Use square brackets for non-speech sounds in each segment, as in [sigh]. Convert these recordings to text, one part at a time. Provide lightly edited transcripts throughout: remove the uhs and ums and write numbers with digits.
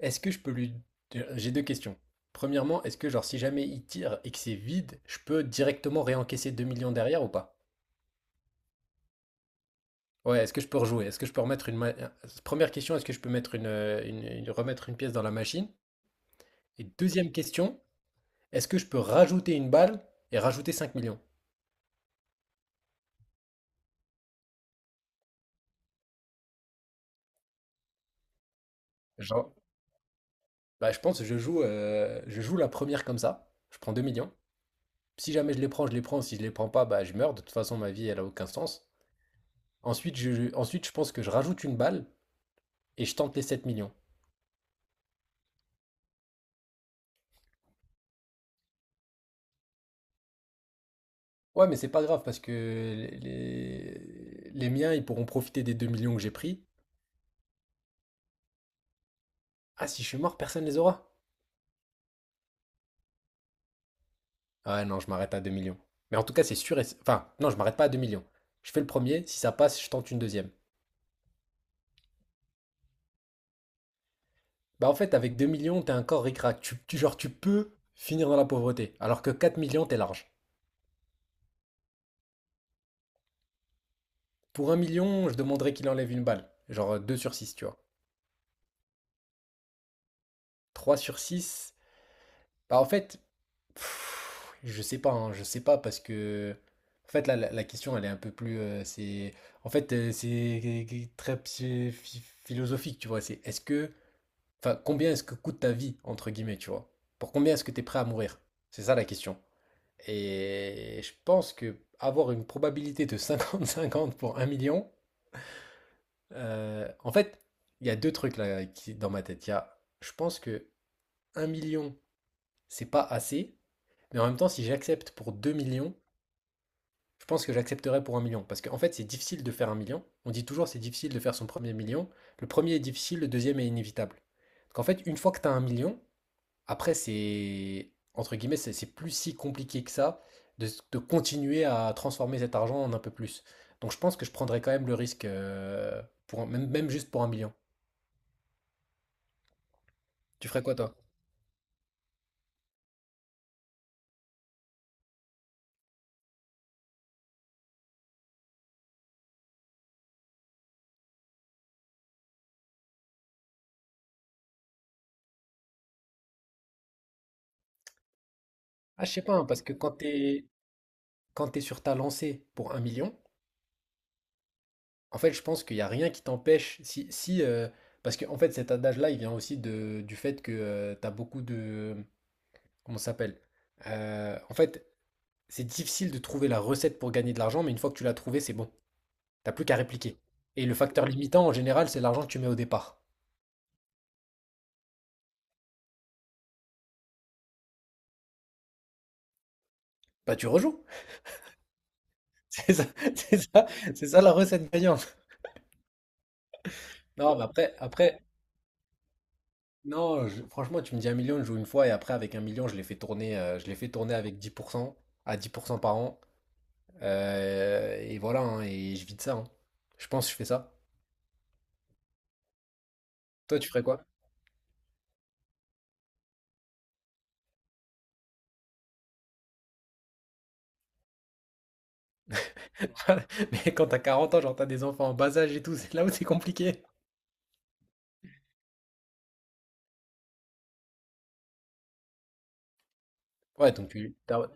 Est-ce que je peux lui... J'ai deux questions. Premièrement, est-ce que genre si jamais il tire et que c'est vide, je peux directement réencaisser 2 millions derrière ou pas? Ouais, est-ce que je peux rejouer? Est-ce que je peux remettre une... Première question, est-ce que je peux mettre une- remettre une pièce dans la machine? Et deuxième question, est-ce que je peux rajouter une balle et rajouter 5 millions? Genre, bah, je pense que je joue la première comme ça. Je prends 2 millions. Si jamais je les prends, je les prends. Si je les prends pas, bah, je meurs. De toute façon, ma vie, elle a aucun sens. Ensuite, je pense que je rajoute une balle et je tente les 7 millions. Ouais, mais c'est pas grave parce que les miens, ils pourront profiter des 2 millions que j'ai pris. Ah, si je suis mort, personne les aura. Ah non, je m'arrête à 2 millions. Mais en tout cas, c'est sûr et... Enfin, non, je m'arrête pas à 2 millions. Je fais le premier, si ça passe, je tente une deuxième. Bah en fait, avec 2 millions, t'es encore ric-rac. Genre, tu peux finir dans la pauvreté. Alors que 4 millions, t'es large. Pour un million, je demanderais qu'il enlève une balle. Genre 2 sur six, tu vois. 3 sur 6. Bah, en fait, je sais pas, hein, je sais pas parce que en fait là la question, elle est un peu plus, c'est en fait, c'est très philosophique, tu vois, c'est, est-ce que, enfin, combien est-ce que coûte ta vie, entre guillemets, tu vois? Pour combien est-ce que tu es prêt à mourir? C'est ça la question. Et je pense que avoir une probabilité de 50-50 pour un million, en fait, il y a deux trucs là qui dans ma tête. Il y a je pense que un million, c'est pas assez. Mais en même temps, si j'accepte pour 2 millions, je pense que j'accepterai pour un million. Parce qu'en fait, c'est difficile de faire un million. On dit toujours c'est difficile de faire son premier million. Le premier est difficile, le deuxième est inévitable. Donc en fait, une fois que tu as 1 million, après, c'est, entre guillemets, c'est plus si compliqué que ça de continuer à transformer cet argent en un peu plus. Donc je pense que je prendrais quand même le risque, pour, même juste pour un million. Tu ferais quoi toi? Ah, je sais pas, hein, parce que quand t'es sur ta lancée pour un million, en fait, je pense qu'il n'y a rien qui t'empêche. Si, parce que en fait, cet adage-là, il vient aussi de, du fait que tu as beaucoup de. Comment ça s'appelle? En fait, c'est difficile de trouver la recette pour gagner de l'argent, mais une fois que tu l'as trouvée, c'est bon. T'as plus qu'à répliquer. Et le facteur limitant, en général, c'est l'argent que tu mets au départ. Bah, tu rejoues. [laughs] C'est ça, c'est ça, c'est ça la recette gagnante. Non, mais après, non, je- franchement, tu me dis un million, je joue une fois, et après, avec un million, je l'ai fait tourner avec 10% à 10% par an. Et voilà, hein, et je vis de ça, hein. Je pense que je fais ça. Toi, tu ferais quoi? [laughs] Mais quand t'as 40 ans, genre t'as des enfants en bas âge et tout, [laughs] c'est là où c'est compliqué. Ouais,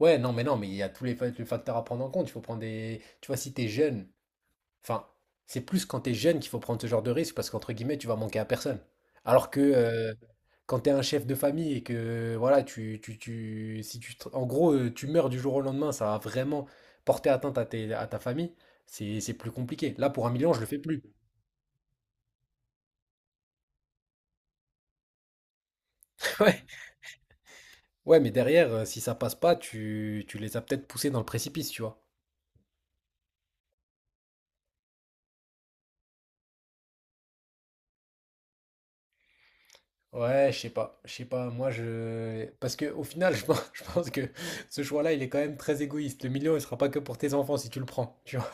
Ouais, non, mais non, mais il y a tous les facteurs à prendre en compte. Il faut prendre des... Tu vois, si t'es jeune, enfin, c'est plus quand t'es jeune qu'il faut prendre ce genre de risque parce qu'entre guillemets, tu vas manquer à personne. Alors que, quand t'es un chef de famille et que voilà, tu, si tu, te- en gros, tu meurs du jour au lendemain, ça va vraiment porter atteinte à ta famille. C'est plus compliqué. Là, pour un million, je le fais plus. [laughs] Ouais. Ouais, mais derrière, si ça passe pas, tu les as peut-être poussés dans le précipice, tu vois. Ouais, je sais pas, moi je... Parce que au final, je [laughs] pense, je pense que ce choix-là, il est quand même très égoïste. Le million, il sera pas que pour tes enfants si tu le prends, tu vois.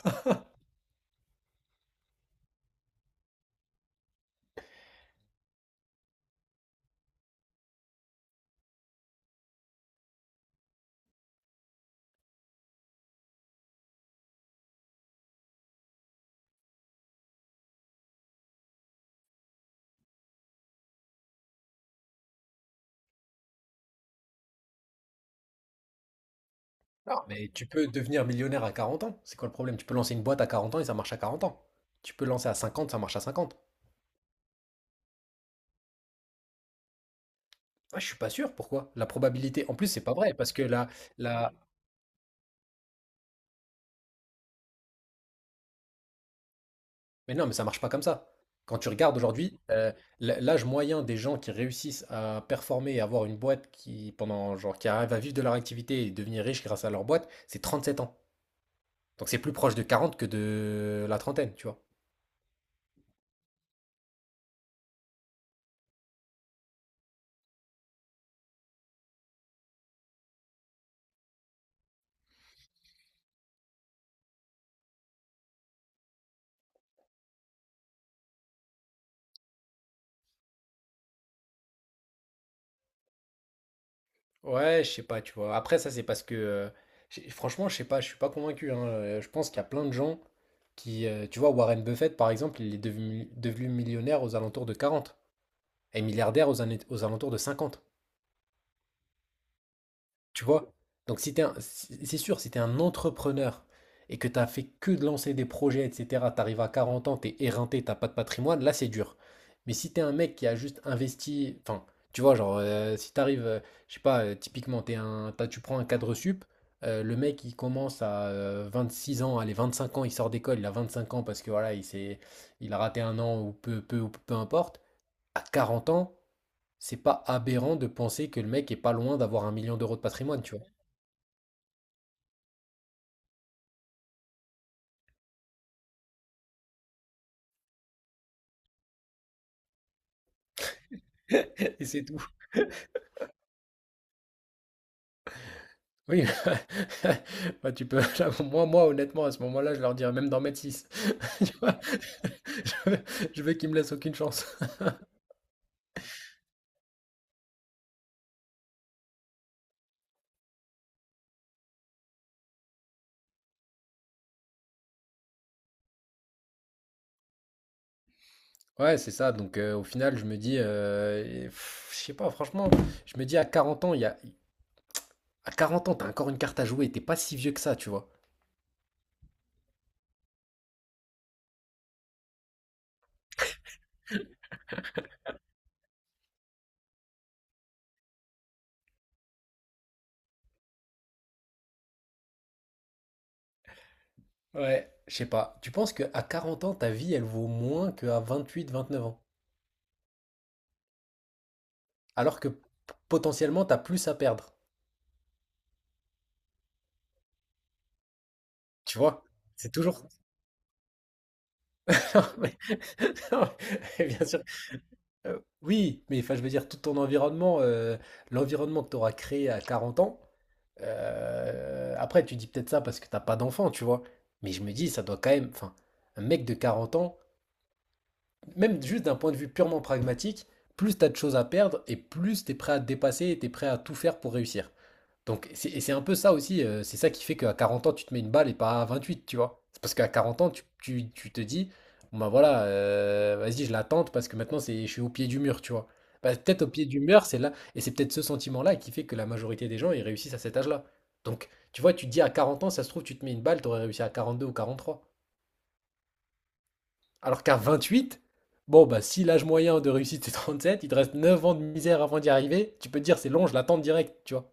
Non, mais tu peux devenir millionnaire à 40 ans. C'est quoi le problème? Tu peux lancer une boîte à 40 ans et ça marche à 40 ans. Tu peux lancer à 50, ça marche à 50. Ah, je suis pas sûr, pourquoi? La probabilité, en plus, c'est pas vrai, parce que la... Mais non, mais ça marche pas comme ça. Quand tu regardes aujourd'hui, l'âge moyen des gens qui réussissent à performer et avoir une boîte qui, pendant, genre, qui arrive à vivre de leur activité et devenir riche grâce à leur boîte, c'est 37 ans. Donc c'est plus proche de 40 que de la trentaine, tu vois. Ouais, je sais pas, tu vois. Après, ça, c'est parce que, franchement, je sais pas, je suis pas convaincu, hein. Je pense qu'il y a plein de gens qui, tu vois, Warren Buffett, par exemple, il est devenu millionnaire aux alentours de 40 et milliardaire aux alentours de 50. Tu vois? Donc si t'es un- si- c'est sûr, si t'es un entrepreneur et que t'as fait que de lancer des projets, etc., t'arrives à 40 ans, t'es éreinté, t'as pas de patrimoine, là c'est dur. Mais si t'es un mec qui a juste investi, enfin, tu vois, genre, si t'arrives, je sais pas, typiquement, tu prends un cadre sup, le mec il commence à 6 ans, allez, 25 ans, il sort d'école, il a 25 ans parce que voilà, il a raté 1 an ou peu importe, à 40 ans, c'est pas aberrant de penser que le mec est pas loin d'avoir 1 million d'euros de patrimoine, tu vois. Et c'est tout. Oui, [laughs] bah, tu peux [laughs] là, moi honnêtement à ce moment-là, je leur dirais même d'en mettre six. [laughs] Tu vois? [laughs] Je veux je veux qu'ils me laissent aucune chance. [laughs] Ouais, c'est ça, donc, au final, je me dis, je sais pas franchement, je me dis à 40 ans, il y a à 40 ans, t'as encore une carte à jouer, t'es pas si vieux que ça, tu vois? Ouais, je sais pas. Tu penses qu'à 40 ans, ta vie, elle vaut moins qu'à vingt-huit vingt-neuf ans? Alors que p potentiellement, t'as plus à perdre, tu vois? C'est toujours. [laughs] Non, mais non, mais [laughs] bien sûr. Oui, mais enfin, je veux dire, tout ton environnement, l'environnement que tu auras créé à 40 ans, après, tu dis peut-être ça parce que t'as pas d'enfant, tu vois. Mais je me dis, ça doit quand même, enfin, un mec de 40 ans, même juste d'un point de vue purement pragmatique, plus t'as de choses à perdre et plus t'es prêt à te dépasser et t'es prêt à tout faire pour réussir. Donc, et c'est un peu ça aussi, c'est ça qui fait qu'à 40 ans, tu te mets une balle et pas à 28, tu vois. C'est parce qu'à 40 ans, tu te dis, bon bah voilà, vas-y, je l'attends parce que maintenant, je suis au pied du mur, tu vois. Bah, peut-être au pied du mur, c'est là, et c'est peut-être ce sentiment-là qui fait que la majorité des gens, ils réussissent à cet âge-là. Donc, tu vois, tu te dis à 40 ans, ça se trouve, tu te mets une balle, t'aurais réussi à 42 ou 43. Alors qu'à 28, bon, bah si l'âge moyen de réussite c'est 37, il te reste 9 ans de misère avant d'y arriver, tu peux te dire, c'est long, je l'attends direct, tu vois.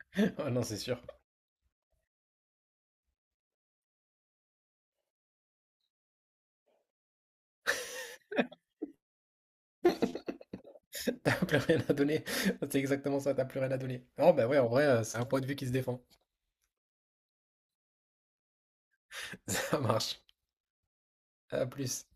[laughs] Ah non, c'est sûr. [laughs] T'as plus rien à donner. [laughs] C'est exactement ça, t'as plus rien à donner. Non, bah ouais, en vrai, c'est un point de vue qui se défend. [laughs] Ça marche. À plus.